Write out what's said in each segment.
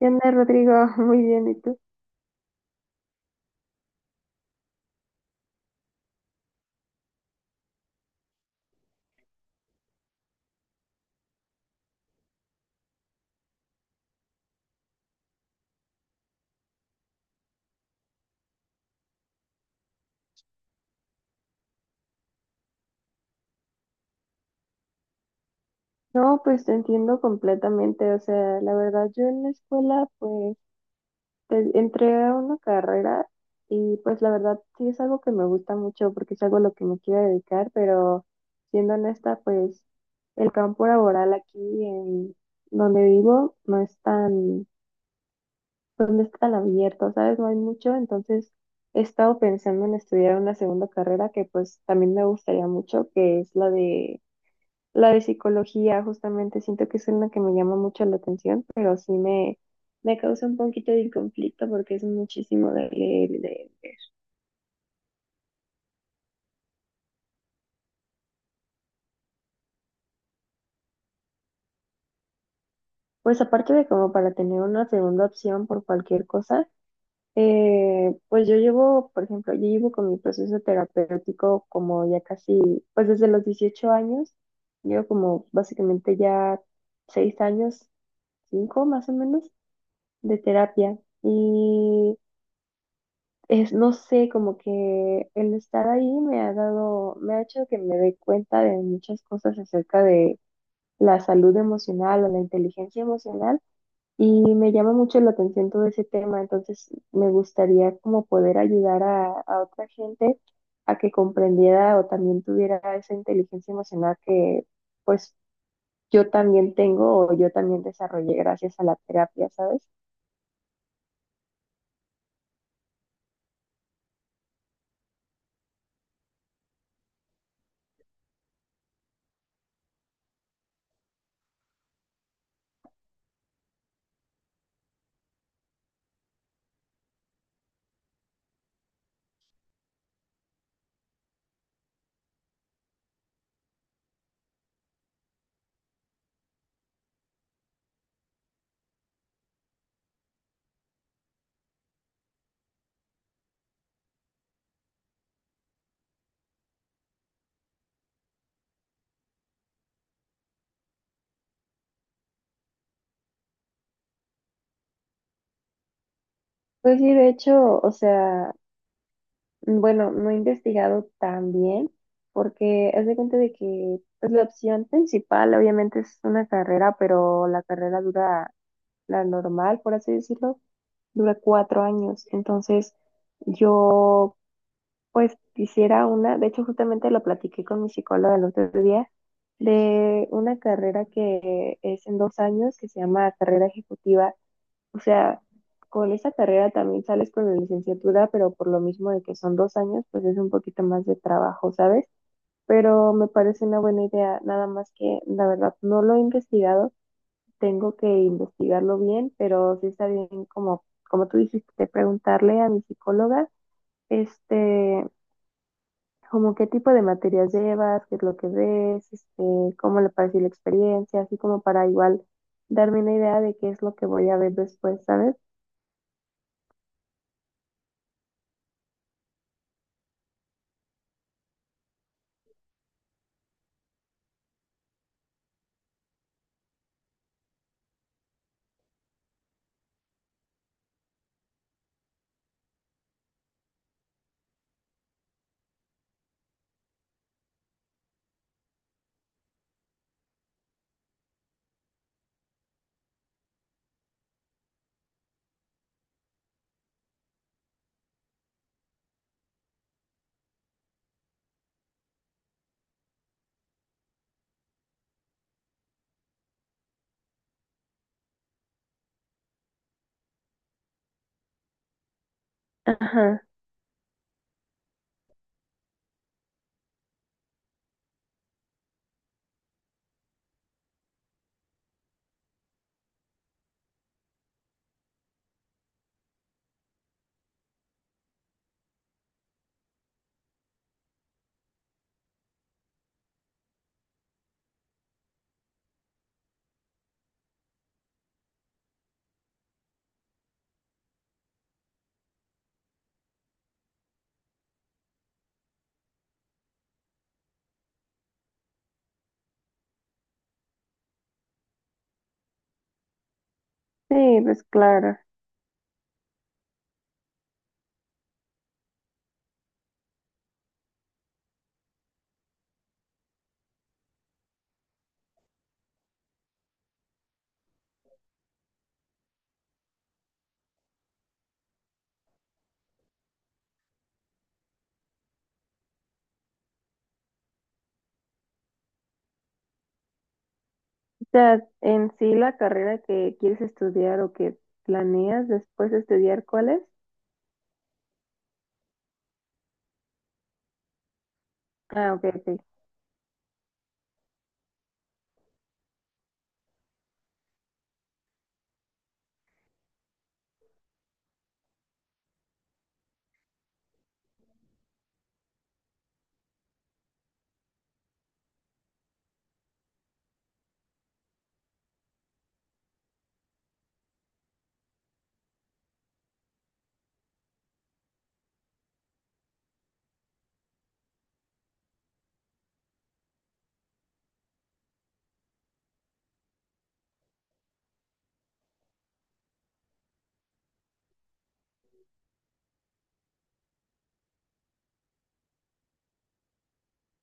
¿Qué onda, Rodrigo? Muy bien, ¿y tú? No, pues te entiendo completamente. O sea, la verdad, yo en la escuela, pues, entré a una carrera y pues la verdad sí es algo que me gusta mucho porque es algo a lo que me quiero dedicar, pero siendo honesta, pues el campo laboral aquí en donde vivo no es tan, pues, no es tan abierto, ¿sabes? No hay mucho, entonces he estado pensando en estudiar una segunda carrera que pues también me gustaría mucho, que es la de psicología, justamente, siento que es una que me llama mucho la atención, pero me causa un poquito de conflicto porque es muchísimo de leer y de leer. Pues aparte de como para tener una segunda opción por cualquier cosa, pues yo llevo con mi proceso terapéutico como ya casi, pues desde los 18 años, llevo como básicamente ya 6 años, 5 más o menos, de terapia. Y es, no sé, como que el estar ahí me ha hecho que me dé cuenta de muchas cosas acerca de la salud emocional o la inteligencia emocional y me llama mucho la atención todo ese tema, entonces me gustaría como poder ayudar a otra gente a que comprendiera o también tuviera esa inteligencia emocional que pues yo también tengo o yo también desarrollé gracias a la terapia, ¿sabes? Pues sí, de hecho, o sea, bueno, no he investigado tan bien porque haz de cuenta de que pues, la opción principal obviamente es una carrera, pero la normal, por así decirlo, dura 4 años. Entonces yo pues quisiera una, de hecho justamente lo platiqué con mi psicóloga el otro día, de una carrera que es en 2 años que se llama carrera ejecutiva. O sea, con esa carrera también sales con la licenciatura, pero por lo mismo de que son 2 años, pues es un poquito más de trabajo, ¿sabes? Pero me parece una buena idea, nada más que la verdad no lo he investigado, tengo que investigarlo bien, pero sí está bien como, como tú dijiste, preguntarle a mi psicóloga, este, como qué tipo de materias llevas, qué es lo que ves, este, cómo le pareció la experiencia, así como para igual darme una idea de qué es lo que voy a ver después, ¿sabes? Ajá. Sí, pues claro. O sea, en sí la carrera que quieres estudiar o que planeas después de estudiar, ¿cuál es? Ah, ok, ok.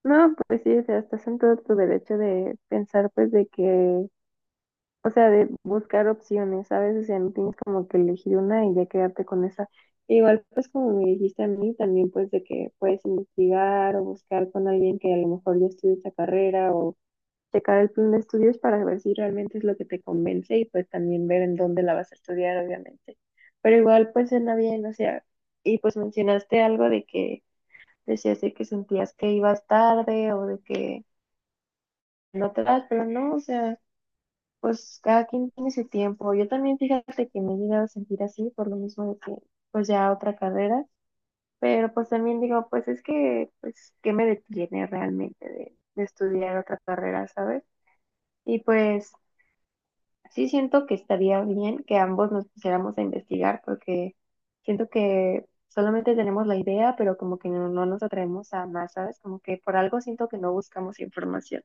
No, pues sí, o sea, estás en todo tu derecho de pensar, pues, de que, o sea, de buscar opciones, ¿sabes? O sea, no tienes como que elegir una y ya quedarte con esa. Igual, pues, como me dijiste a mí, también, pues, de que puedes investigar o buscar con alguien que a lo mejor ya estudió esa carrera o checar el plan de estudios para ver si realmente es lo que te convence y pues también ver en dónde la vas a estudiar, obviamente. Pero igual pues suena bien, o sea, y pues mencionaste algo de que decías de que sentías que ibas tarde o de que no te das, pero no, o sea, pues cada quien tiene su tiempo. Yo también fíjate que me he llegado a sentir así por lo mismo de que pues ya otra carrera, pero pues también digo, pues es que pues qué me detiene realmente de estudiar otra carrera, ¿sabes? Y pues sí siento que estaría bien que ambos nos pusiéramos a investigar porque siento que solamente tenemos la idea, pero como que no nos atrevemos a más, ¿sabes? Como que por algo siento que no buscamos información.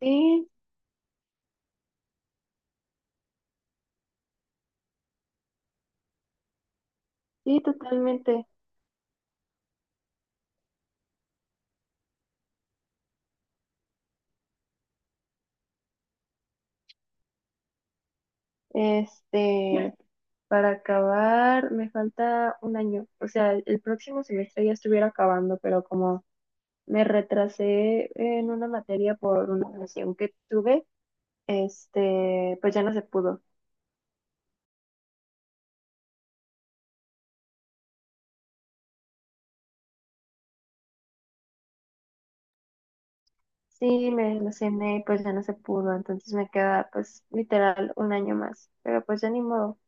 Sí, sí, totalmente. Este, para acabar, me falta un año. O sea, el próximo semestre ya estuviera acabando, pero como me retrasé en una materia por una relación que tuve, este, pues ya no se pudo. Sí, me desilusioné y pues ya no se pudo, entonces me queda pues literal un año más, pero pues ya ni modo.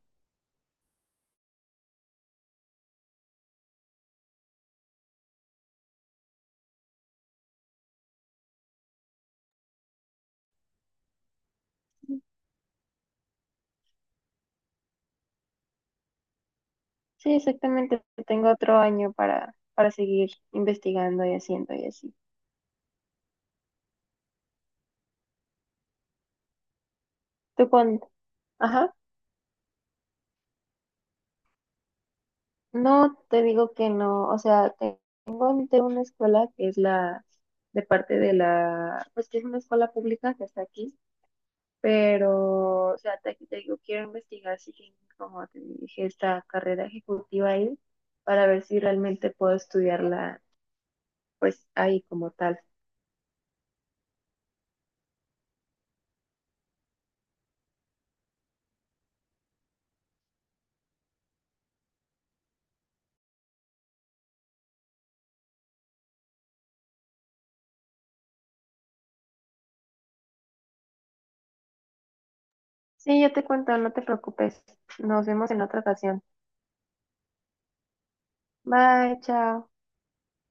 Sí, exactamente, tengo otro año para seguir investigando y haciendo y así. ¿Tú cuándo? Ajá, no te digo que no, o sea, tengo ante una escuela que es la de parte de la, pues que es una escuela pública que está aquí. Pero, o sea, te digo, quiero investigar si tienen, como te dije, esta carrera ejecutiva ahí para ver si realmente puedo estudiarla, pues ahí como tal. Sí, yo te cuento, no te preocupes. Nos vemos en otra ocasión. Bye, chao.